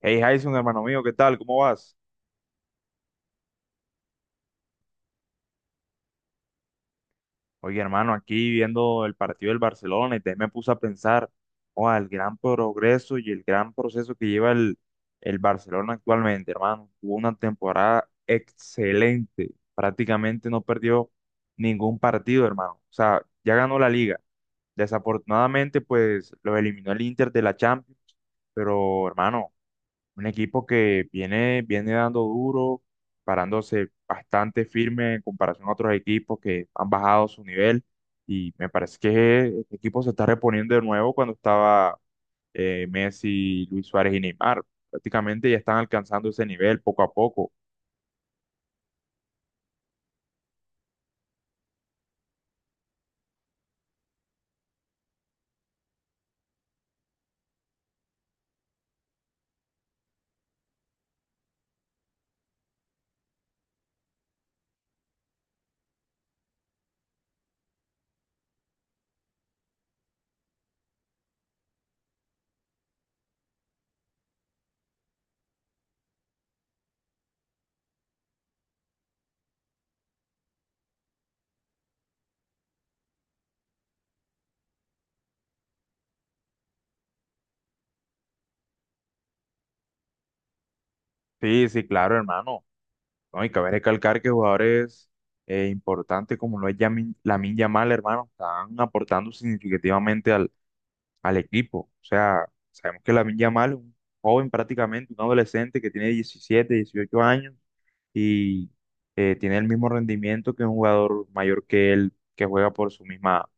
Hey Jason, hermano mío, ¿qué tal? ¿Cómo vas? Oye, hermano, aquí viendo el partido del Barcelona y te me puse a pensar, oh, el gran progreso y el gran proceso que lleva el Barcelona actualmente, hermano. Tuvo una temporada excelente, prácticamente no perdió ningún partido, hermano. O sea, ya ganó la liga. Desafortunadamente, pues lo eliminó el Inter de la Champions, pero hermano. Un equipo que viene dando duro, parándose bastante firme en comparación a otros equipos que han bajado su nivel. Y me parece que este equipo se está reponiendo de nuevo cuando estaba Messi, Luis Suárez y Neymar. Prácticamente ya están alcanzando ese nivel poco a poco. Sí, sí, claro, hermano. No, y cabe recalcar que jugadores importantes como lo es Yamin, Lamine Yamal, hermano, están aportando significativamente al equipo. O sea, sabemos que Lamine Yamal es un joven prácticamente, un adolescente que tiene 17, 18 años y tiene el mismo rendimiento que un jugador mayor que él que juega por su misma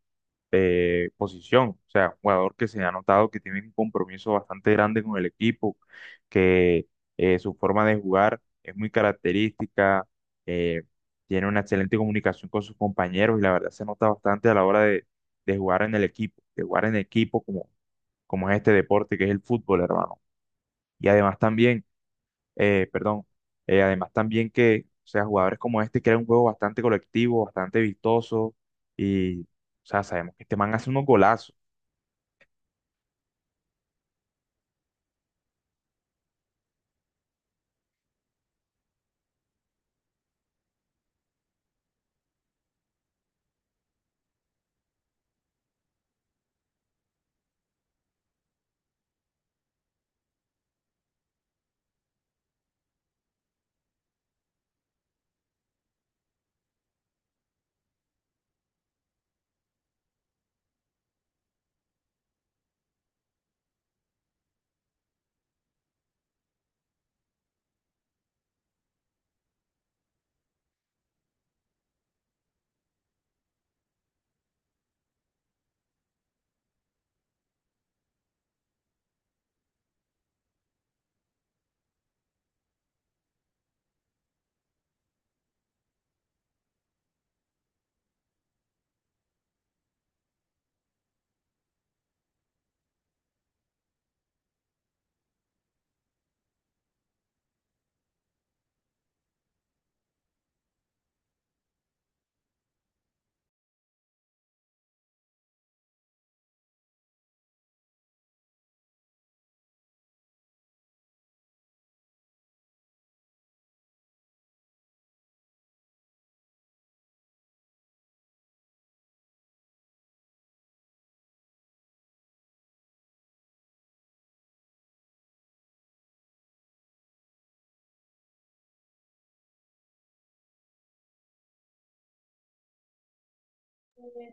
posición. O sea, un jugador que se ha notado que tiene un compromiso bastante grande con el equipo, que su forma de jugar es muy característica. eh, Tiene una excelente comunicación con sus compañeros y la verdad se nota bastante a la hora de jugar en el equipo, de jugar en equipo como es este deporte que es el fútbol, hermano. Y además también, perdón, además también que, o sea, jugadores como este crean un juego bastante colectivo, bastante vistoso y, o sea, sabemos que este man hace unos golazos.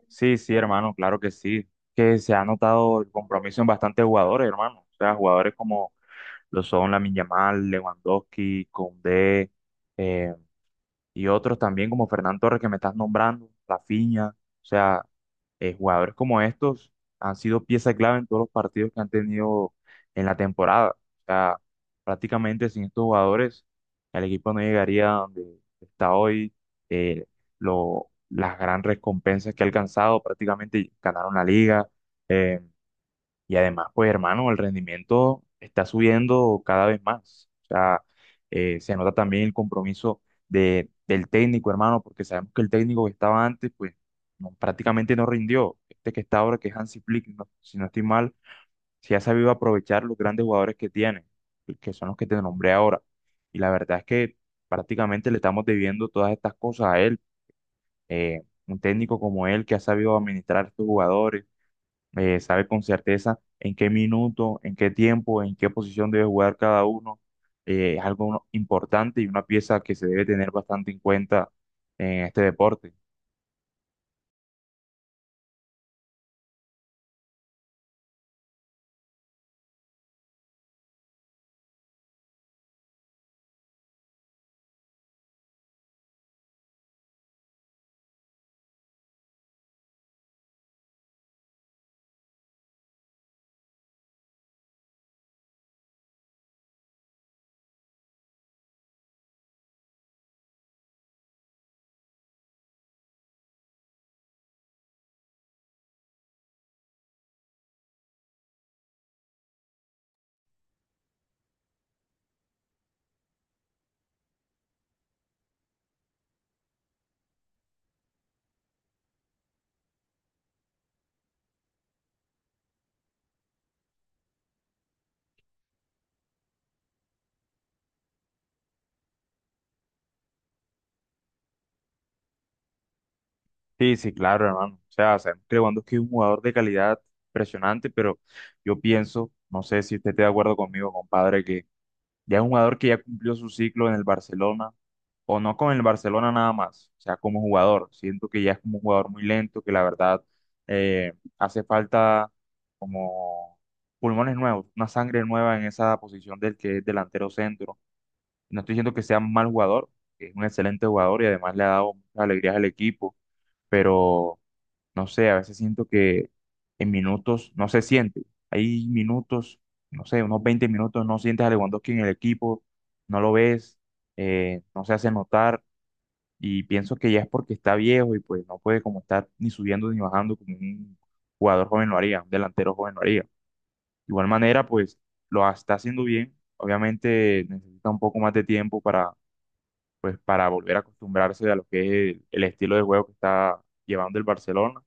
Sí, sí, hermano, claro que sí, que se ha notado el compromiso en bastantes jugadores, hermano. O sea, jugadores como lo son Lamine Yamal, Lewandowski, Koundé, eh, y otros también como Fernán Torres que me estás nombrando, Rafinha, o sea, jugadores como estos han sido pieza clave en todos los partidos que han tenido en la temporada. O sea, prácticamente sin estos jugadores el equipo no llegaría a donde está hoy. eh, las grandes recompensas que ha alcanzado, prácticamente ganaron la liga. Eh, y además, pues hermano, el rendimiento está subiendo cada vez más. O sea, se nota también el compromiso del técnico, hermano, porque sabemos que el técnico que estaba antes, pues prácticamente no rindió. Este que está ahora, que es Hansi Flick, si no estoy mal, sí ha sabido aprovechar los grandes jugadores que tiene, que son los que te nombré ahora. Y la verdad es que prácticamente le estamos debiendo todas estas cosas a él. Eh, un técnico como él que ha sabido administrar estos jugadores sabe con certeza en qué minuto, en qué tiempo, en qué posición debe jugar cada uno. Es algo, ¿no?, importante y una pieza que se debe tener bastante en cuenta en este deporte. Sí, sí, claro, hermano. O sea, sabemos que Lewandowski es un jugador de calidad impresionante, pero yo pienso, no sé si usted está de acuerdo conmigo, compadre, que ya es un jugador que ya cumplió su ciclo en el Barcelona, o no con el Barcelona nada más, o sea, como jugador. Siento que ya es como un jugador muy lento, que la verdad eh, hace falta como pulmones nuevos, una sangre nueva en esa posición del que es delantero centro. No estoy diciendo que sea un mal jugador, que es un excelente jugador y además le ha dado muchas alegrías al equipo, pero no sé, a veces siento que en minutos no se siente. Hay minutos, no sé, unos 20 minutos no sientes a Lewandowski en el equipo, no lo ves, no se hace notar y pienso que ya es porque está viejo y pues no puede como estar ni subiendo ni bajando como un jugador joven lo haría, un delantero joven lo haría. De igual manera, pues está haciendo bien, obviamente necesita un poco más de tiempo para pues para volver a acostumbrarse a lo que es el estilo de juego que está llevando el Barcelona.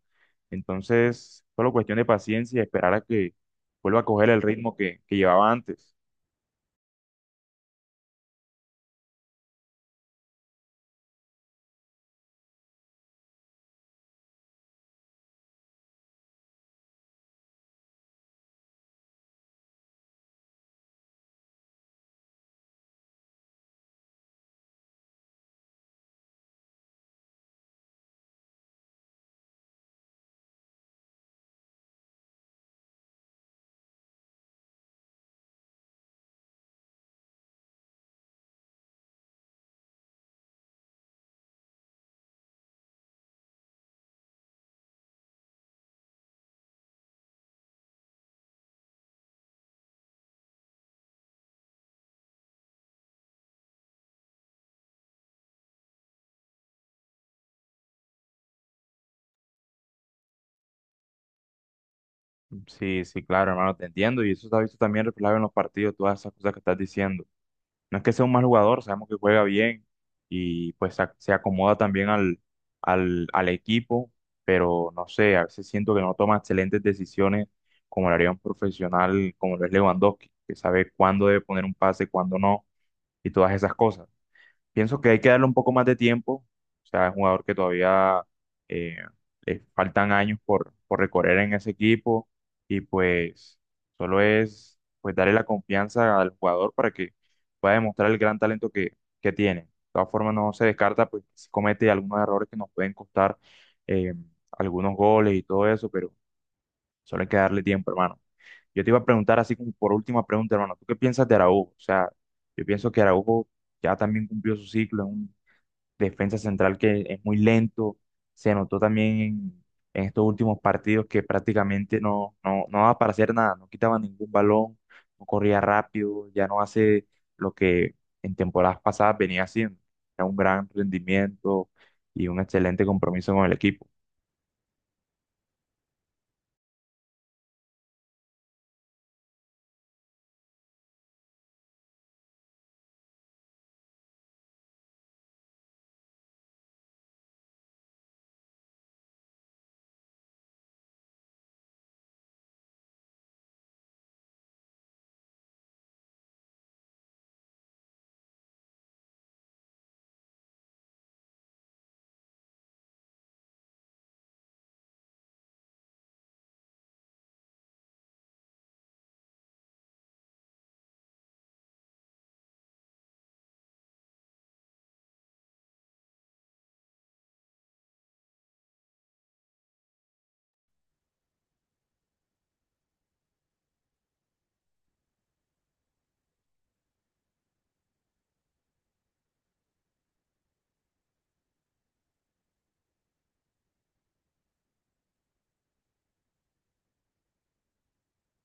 Entonces, solo cuestión de paciencia y esperar a que vuelva a coger el ritmo que llevaba antes. Sí, sí, claro, hermano, te entiendo. Y eso se ha visto también reflejado en los partidos, todas esas cosas que estás diciendo. No es que sea un mal jugador, sabemos que juega bien y pues se acomoda también al equipo, pero no sé, a veces siento que no toma excelentes decisiones como lo haría un profesional como lo es Lewandowski, que sabe cuándo debe poner un pase, cuándo no y todas esas cosas. Pienso que hay que darle un poco más de tiempo. O sea, es un jugador que todavía eh, le faltan años por recorrer en ese equipo. Y pues solo es pues darle la confianza al jugador para que pueda demostrar el gran talento que tiene. De todas formas, no se descarta, pues si comete algunos errores que nos pueden costar eh, algunos goles y todo eso, pero solo hay que darle tiempo, hermano. Yo te iba a preguntar así como por última pregunta, hermano, ¿tú qué piensas de Araújo? O sea, yo pienso que Araújo ya también cumplió su ciclo, defensa central que es muy lento. Se notó también en estos últimos partidos que prácticamente no daba para hacer nada, no quitaba ningún balón, no corría rápido, ya no hace lo que en temporadas pasadas venía haciendo. Era un gran rendimiento y un excelente compromiso con el equipo.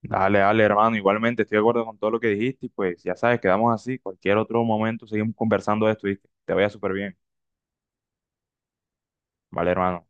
Dale, dale, hermano. Igualmente estoy de acuerdo con todo lo que dijiste y pues ya sabes, quedamos así. Cualquier otro momento seguimos conversando de esto y te vaya súper bien. Vale, hermano.